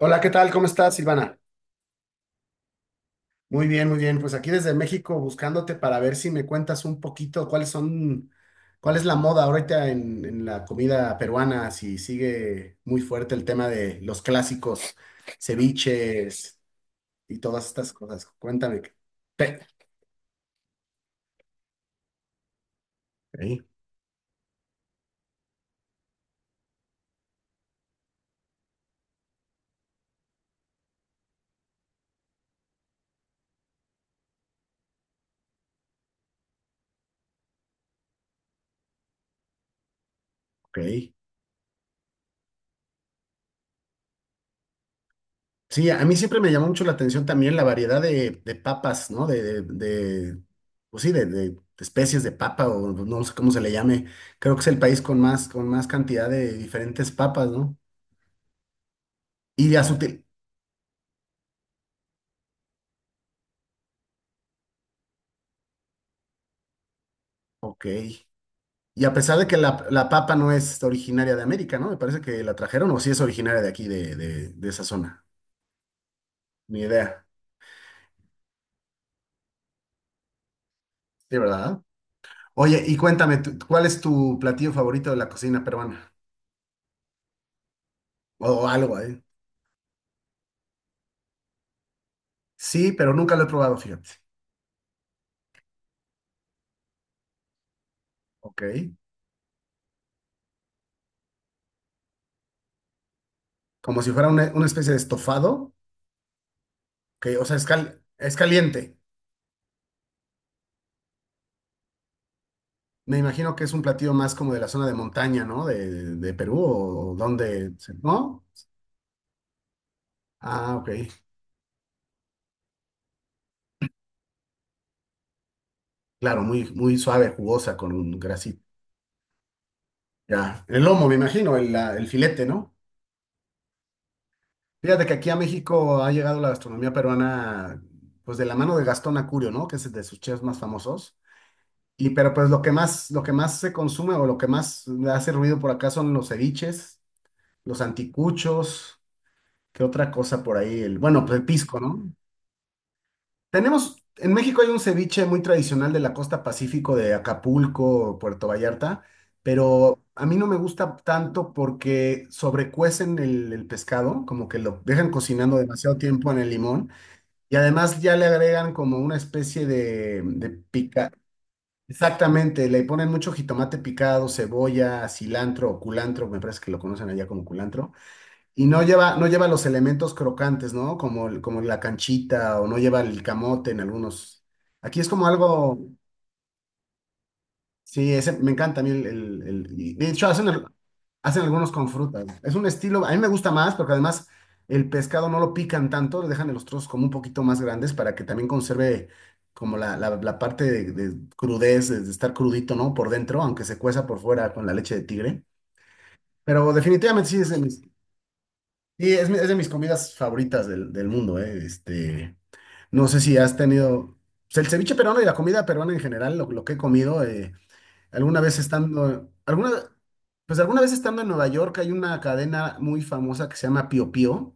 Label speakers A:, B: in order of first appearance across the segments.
A: Hola, ¿qué tal? ¿Cómo estás, Silvana? Muy bien, muy bien. Pues aquí desde México buscándote para ver si me cuentas un poquito cuáles son, cuál es la moda ahorita en la comida peruana, si sigue muy fuerte el tema de los clásicos, ceviches y todas estas cosas. Cuéntame. Pe- Ok, ok. Sí, a mí siempre me llamó mucho la atención también la variedad de papas, ¿no? Pues sí, de especies de papa o no sé cómo se le llame. Creo que es el país con más cantidad de diferentes papas, ¿no? Y a su te- Ok. Y a pesar de que la papa no es originaria de América, ¿no? Me parece que la trajeron o sí es originaria de aquí, de esa zona. Ni idea. Sí, ¿verdad? Oye, y cuéntame, ¿cuál es tu platillo favorito de la cocina peruana? O algo, ¿eh? Sí, pero nunca lo he probado, fíjate. Ok. Como si fuera una especie de estofado, que, o sea, es caliente. Me imagino que es un platillo más como de la zona de montaña, ¿no? De Perú o donde, ¿no? Ah, ok. Claro, muy, muy suave, jugosa, con un grasito. Ya. El lomo, me imagino, el filete, ¿no? Fíjate que aquí a México ha llegado la gastronomía peruana, pues de la mano de Gastón Acurio, ¿no? Que es de sus chefs más famosos. Y pero pues lo que más, se consume o lo que más hace ruido por acá son los ceviches, los anticuchos. ¿Qué otra cosa por ahí? Bueno, pues el pisco, ¿no? Tenemos, en México hay un ceviche muy tradicional de la costa Pacífico de Acapulco, Puerto Vallarta, pero a mí no me gusta tanto porque sobrecuecen el pescado, como que lo dejan cocinando demasiado tiempo en el limón y además ya le agregan como una especie de pica. Exactamente, le ponen mucho jitomate picado, cebolla, cilantro o culantro, me parece que lo conocen allá como culantro. Y no lleva los elementos crocantes, ¿no? Como, como la canchita o no lleva el camote en algunos. Aquí es como algo, sí, ese, me encanta a mí y de hecho, hacen algunos con frutas. Es un estilo, a mí me gusta más porque además el pescado no lo pican tanto, le dejan los trozos como un poquito más grandes para que también conserve como la parte de crudez, de estar crudito, ¿no? Por dentro, aunque se cueza por fuera con la leche de tigre. Pero definitivamente sí es de mis. Sí, es de mis comidas favoritas del mundo, ¿eh? Este, no sé si has tenido, pues, el ceviche peruano y la comida peruana en general, lo que he comido, alguna vez estando, alguna, pues alguna vez estando en Nueva York hay una cadena muy famosa que se llama Pío Pío,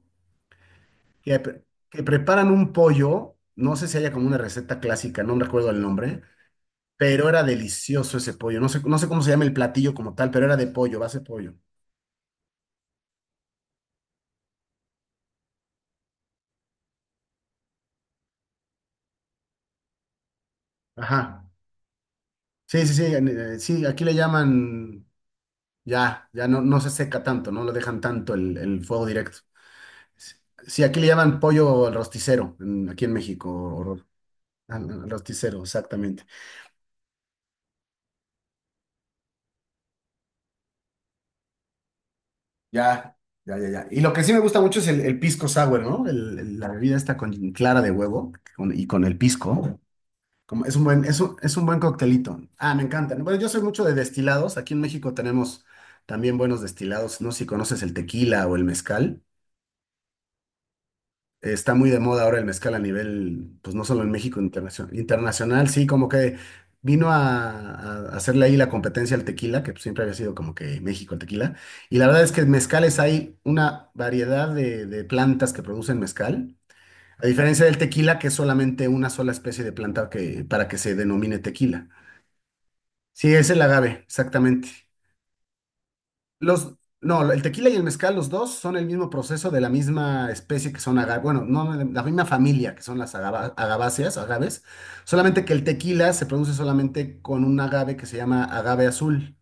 A: que preparan un pollo, no sé si haya como una receta clásica, no recuerdo el nombre, pero era delicioso ese pollo, no sé cómo se llama el platillo como tal, pero era de pollo, base pollo. Ajá. Sí, sí, sí, sí, aquí le llaman. Ya, ya no, no se seca tanto, no lo dejan tanto el fuego directo. Sí, aquí le llaman pollo al rosticero, aquí en México, al rosticero, exactamente. Ya, ya, ya, ya. Y lo que sí me gusta mucho es el pisco sour, ¿no? La bebida esta con clara de huevo y con el pisco. Como, es un buen, es un buen coctelito. Ah, me encanta. Bueno, yo soy mucho de destilados. Aquí en México tenemos también buenos destilados, ¿no? Sé si conoces el tequila o el mezcal. Está muy de moda ahora el mezcal a nivel, pues no solo en México, internacional, internacional, sí, como que vino a hacerle ahí la competencia al tequila, que pues, siempre había sido como que México el tequila. Y la verdad es que en mezcales hay una variedad de plantas que producen mezcal, a diferencia del tequila, que es solamente una sola especie de planta que, para que se denomine tequila. Sí, es el agave, exactamente. Los, no, el tequila y el mezcal, los dos son el mismo proceso de la misma especie que son agaves, bueno, no, no, la misma familia que son las agaváceas, agaves, solamente que el tequila se produce solamente con un agave que se llama agave azul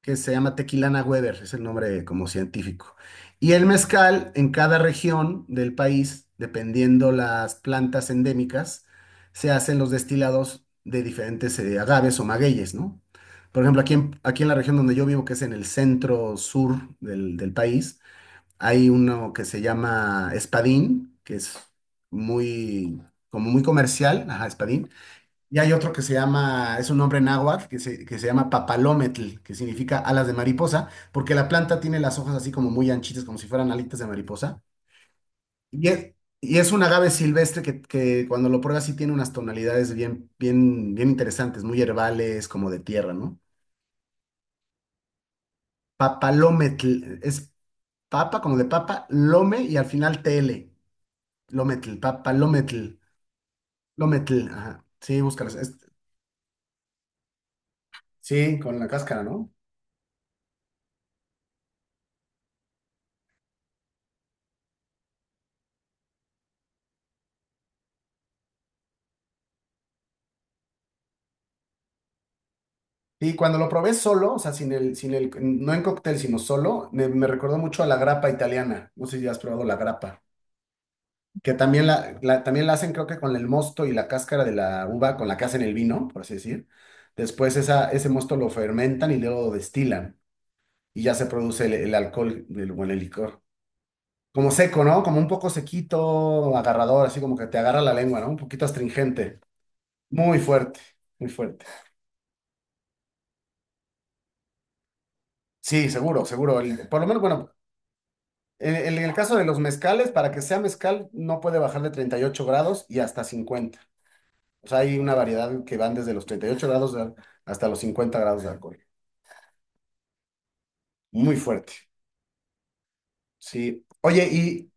A: que se llama Tequilana Weber, es el nombre como científico. Y el mezcal en cada región del país, dependiendo las plantas endémicas, se hacen los destilados de diferentes agaves o magueyes, ¿no? Por ejemplo, aquí en, la región donde yo vivo, que es en el centro sur del país, hay uno que se llama Espadín, que es muy, como muy comercial, ajá, Espadín, y hay otro que se llama, es un nombre náhuatl, que se, llama papalometl, que significa alas de mariposa, porque la planta tiene las hojas así como muy anchitas, como si fueran alitas de mariposa. Y es, y es, un agave silvestre que cuando lo pruebas sí tiene unas tonalidades bien, bien, bien interesantes, muy herbales, como de tierra, ¿no? Papalometl, es papa, como de papa, lome y al final tl, lometl, papalometl, lometl, ajá. Sí, búscalas. Sí, con la cáscara, ¿no? Y cuando lo probé solo, o sea, sin el, no en cóctel, sino solo, me recordó mucho a la grappa italiana. No sé si has probado la grappa, que también la, también la hacen, creo que con el mosto y la cáscara de la uva con la que hacen el vino, por así decir. Después ese mosto lo fermentan y luego lo destilan y ya se produce el alcohol bueno, el licor. Como seco, ¿no? Como un poco sequito, agarrador, así como que te agarra la lengua, ¿no? Un poquito astringente. Muy fuerte, muy fuerte. Sí, seguro, seguro. Por lo menos, bueno. En el caso de los mezcales, para que sea mezcal, no puede bajar de 38 grados y hasta 50. O sea, hay una variedad que van desde los 38 grados hasta los 50 grados de alcohol. Muy fuerte. Sí. Oye, y,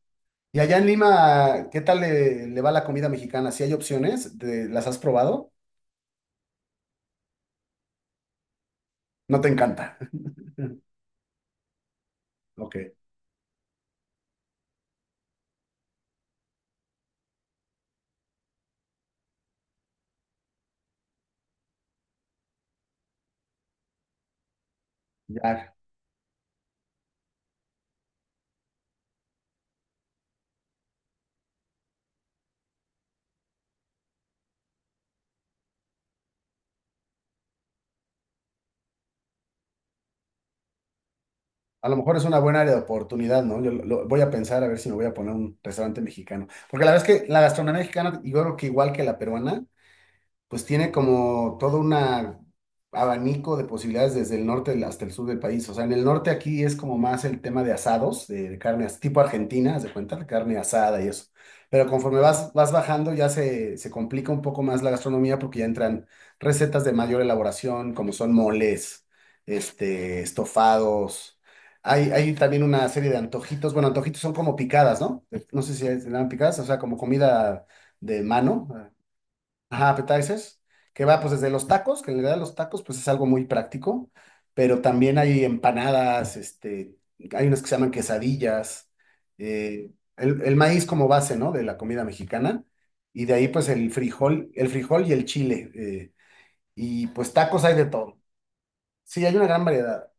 A: y allá en Lima, ¿qué tal le va la comida mexicana? ¿Si hay opciones? ¿Las has probado? ¿No te encanta? Ok, ya. A lo mejor es una buena área de oportunidad, ¿no? Yo voy a pensar a ver si me voy a poner un restaurante mexicano. Porque la verdad es que la gastronomía mexicana, yo creo que igual que la peruana, pues tiene como todo un abanico de posibilidades desde el norte hasta el sur del país. O sea, en el norte aquí es como más el tema de asados, de carne tipo argentina, haz de cuenta, de carne asada y eso. Pero conforme vas bajando ya se complica un poco más la gastronomía porque ya entran recetas de mayor elaboración, como son moles, este, estofados. Hay también una serie de antojitos. Bueno, antojitos son como picadas, ¿no? No sé si se llaman picadas, o sea, como comida de mano. Ajá, appetizers, que va pues desde los tacos, que en realidad los tacos pues es algo muy práctico, pero también hay empanadas, este, hay unas que se llaman quesadillas, eh, el maíz como base, ¿no? De la comida mexicana, y de ahí pues el frijol, y el chile, y pues tacos hay de todo. Sí, hay una gran variedad.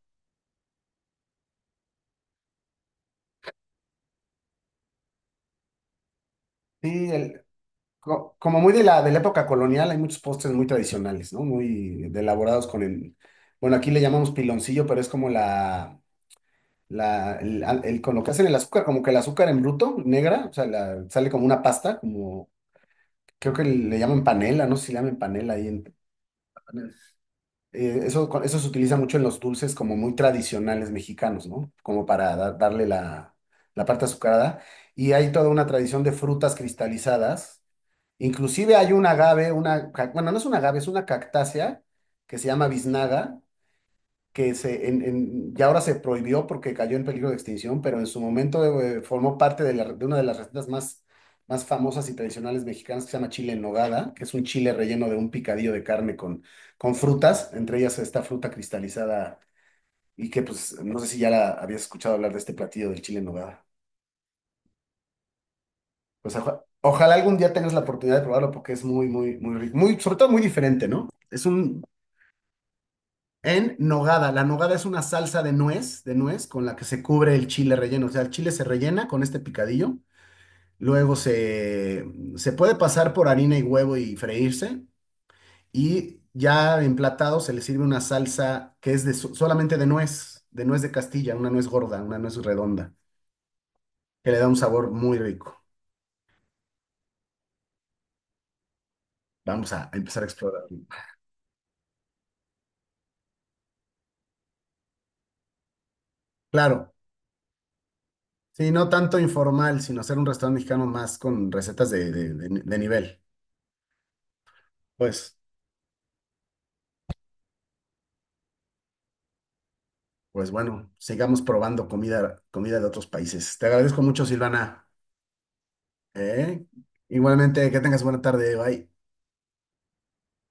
A: Sí, como muy de la, época colonial, hay muchos postres muy tradicionales, ¿no? Muy elaborados bueno, aquí le llamamos piloncillo, pero es como con lo que hacen el azúcar, como que el azúcar en bruto, negra, o sea, sale como una pasta, como creo que le llaman panela, no sé si le llaman panela ahí en. Eso eso se utiliza mucho en los dulces como muy tradicionales mexicanos, ¿no? Como para darle la parte azucarada. Y hay toda una tradición de frutas cristalizadas. Inclusive hay un agave, bueno, no es un agave, es una cactácea que se llama biznaga que se, en- ya ahora se prohibió porque cayó en peligro de extinción, pero en su momento formó parte de una de las recetas más famosas y tradicionales mexicanas que se llama chile en nogada, que es un chile relleno de un picadillo de carne con frutas, entre ellas esta fruta cristalizada y que pues no sé si ya la habías escuchado hablar de este platillo del chile en nogada. Pues ojalá algún día tengas la oportunidad de probarlo porque es muy, muy, muy rico, sobre todo muy diferente, ¿no? Es un. En nogada. La nogada es una salsa de nuez, con la que se cubre el chile relleno. O sea, el chile se rellena con este picadillo. Luego se, puede pasar por harina y huevo y freírse. Y ya emplatado se le sirve una salsa que es solamente de nuez, de nuez de Castilla, una nuez gorda, una nuez redonda, que le da un sabor muy rico. Vamos a empezar a explorar. Claro, sí, no tanto informal, sino hacer un restaurante mexicano más con recetas de, de nivel. Pues. Pues bueno, sigamos probando comida, de otros países. Te agradezco mucho, Silvana. ¿Eh? Igualmente, que tengas buena tarde. Bye.